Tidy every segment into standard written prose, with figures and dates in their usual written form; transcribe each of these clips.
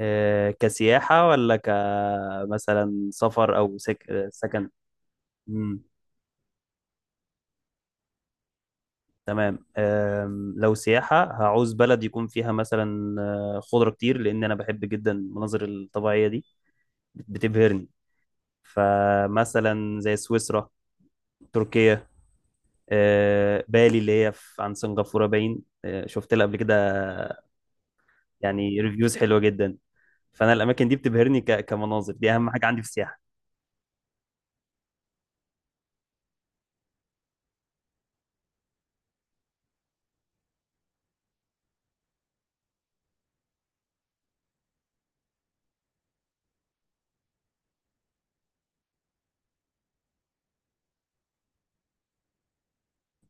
آه، كسياحة ولا كمثلا سفر أو سك... آه، سكن. مم. تمام، لو سياحة هعوز بلد يكون فيها مثلا خضرة كتير، لأن أنا بحب جدا المناظر الطبيعية دي، بتبهرني. فمثلا زي سويسرا، تركيا، بالي اللي هي عن سنغافورة، باين شفت لها قبل كده. يعني ريفيوز حلوة جدا. فأنا الأماكن دي بتبهرني كمناظر، دي أهم حاجة عندي في السياحة.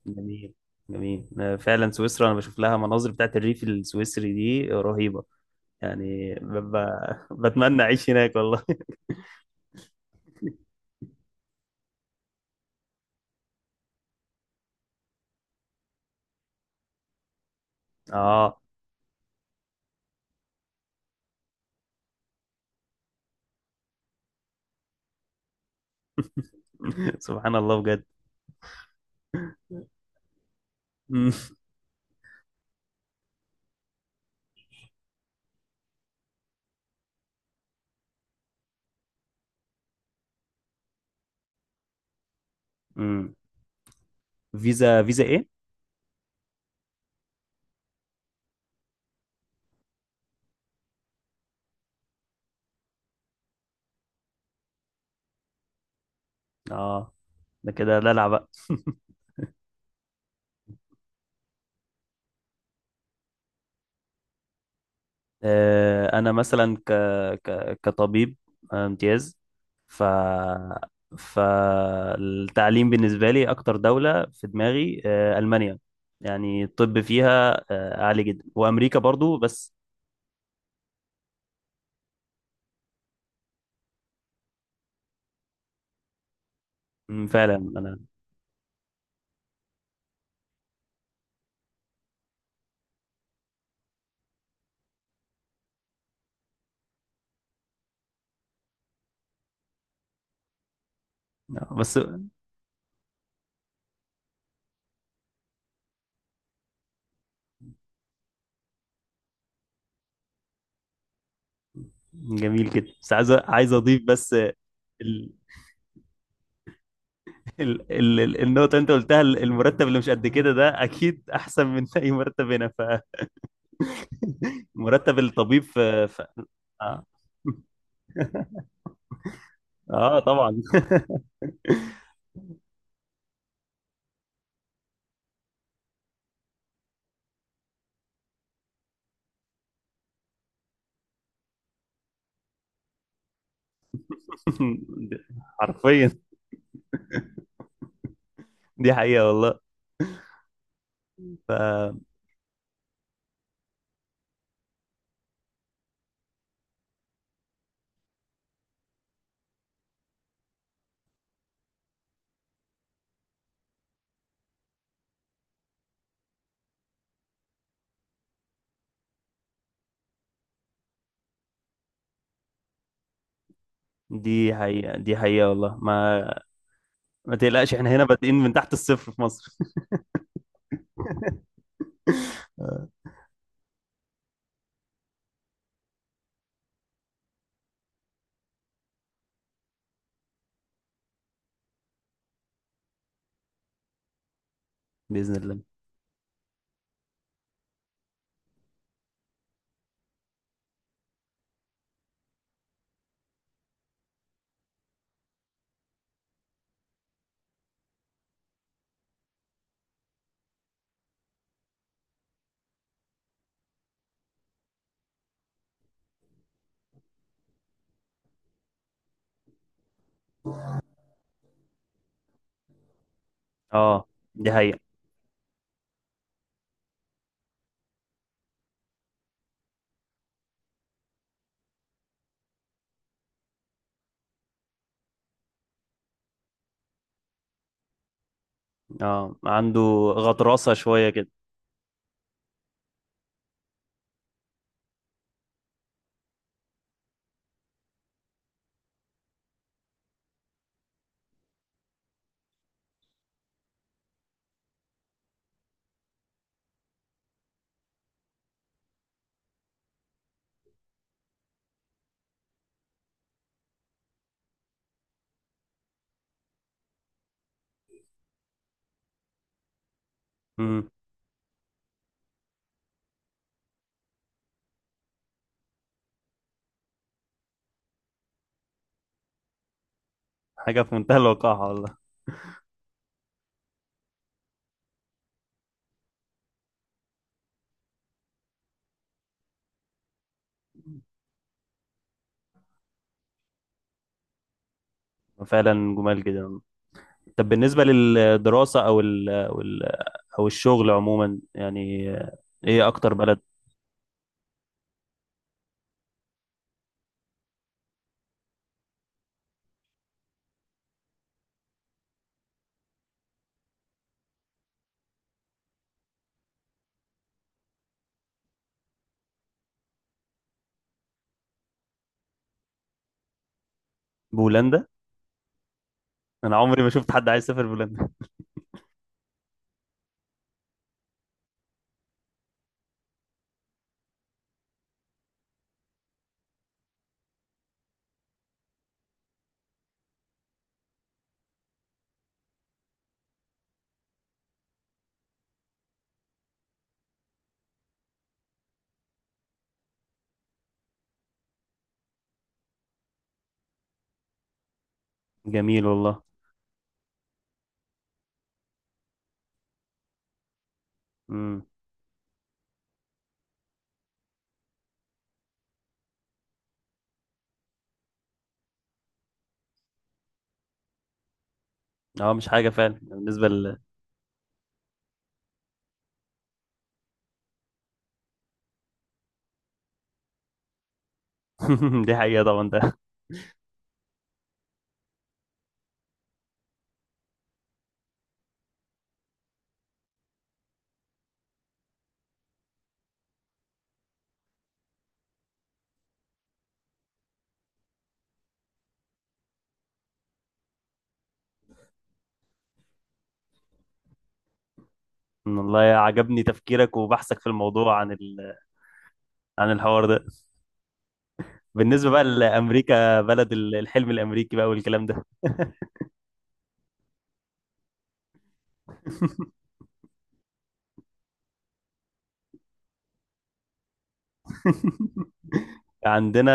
جميل، جميل. أنا فعلا سويسرا انا بشوف لها مناظر بتاعت الريف السويسري دي رهيبة. يعني بتمنى اعيش هناك والله. اه. سبحان الله بجد. مم. مم. فيزا، ايه؟ اه، ده كده دلع بقى. آه، انا مثلا كطبيب امتياز. ف، فالتعليم بالنسبة لي أكتر دولة في دماغي ألمانيا. يعني الطب فيها عالي جدا، وأمريكا برضو. بس أمم، فعلا انا. بس جميل كده، بس عايز، اضيف. بس ال... النقطه اللي انت قلتها، المرتب اللي مش قد كده، ده اكيد احسن من اي مرتب هنا. فمرتب الطبيب اه، طبعا. حرفيا، دي حقيقه والله. ف دي حقيقه، دي حقيقه والله ما. ما تقلقش احنا هنا بادئين من تحت الصفر في مصر. باذن الله. اه، دي حقيقه. اه، عنده غطرسه شويه كده. أمم، حاجه في منتهى الوقاحه والله. فعلا جمال جدا. طب بالنسبة للدراسة أو ال أو ال أو الشغل عموما، يعني إيه أكتر بلد؟ بولندا؟ أنا عمري ما شفت حد عايز يسافر بولندا. جميل والله. امم، أه مش حاجة فعلا بالنسبة ل. دي حقيقة طبعا ده. والله عجبني تفكيرك وبحثك في الموضوع عن عن الحوار ده. بالنسبة بقى لأمريكا، بلد الحلم الأمريكي بقى والكلام ده. عندنا،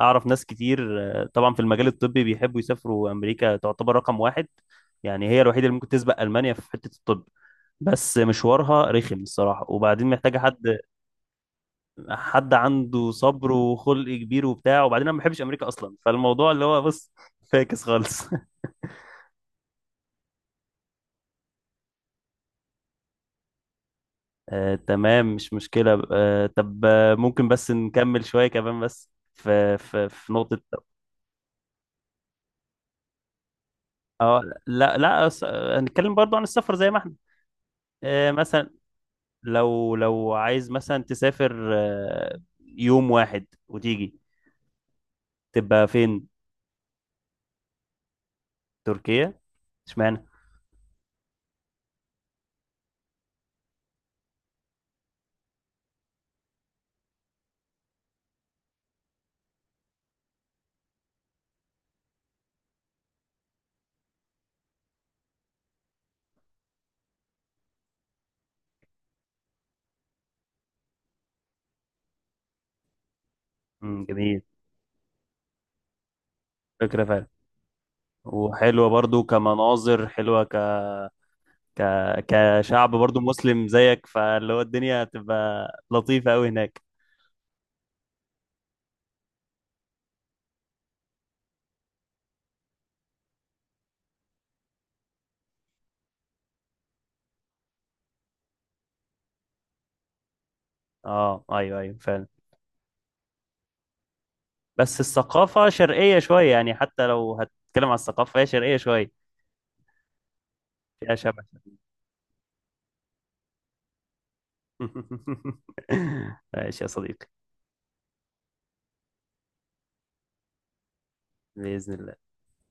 اعرف ناس كتير طبعا في المجال الطبي بيحبوا يسافروا، امريكا تعتبر رقم واحد. يعني هي الوحيده اللي ممكن تسبق المانيا في حته الطب. بس مشوارها رخم الصراحه، وبعدين محتاجه حد عنده صبر وخلق كبير وبتاع، وبعدين انا ما بحبش امريكا اصلا، فالموضوع اللي هو بص، فاكس خالص. آه، تمام مش مشكله. آه، طب آه، ممكن بس نكمل شويه كمان، بس في في نقطه. اه، لا لا، هنتكلم برضو عن السفر زي ما احنا. آه، مثلا لو عايز مثلا تسافر يوم واحد وتيجي، تبقى فين؟ تركيا؟ اشمعنى؟ مم، جميل. فكرة فعلا، وحلوة برضو كمناظر حلوة، ك... كشعب برضو مسلم زيك، فاللي هو الدنيا هتبقى لطيفة أوي هناك. اه ايوه ايوه فعلا. بس الثقافة شرقية شوية، يعني حتى لو هتتكلم على الثقافة هي شرقية شوية، فيها شبه. ماشي يا صديقي. بإذن الله.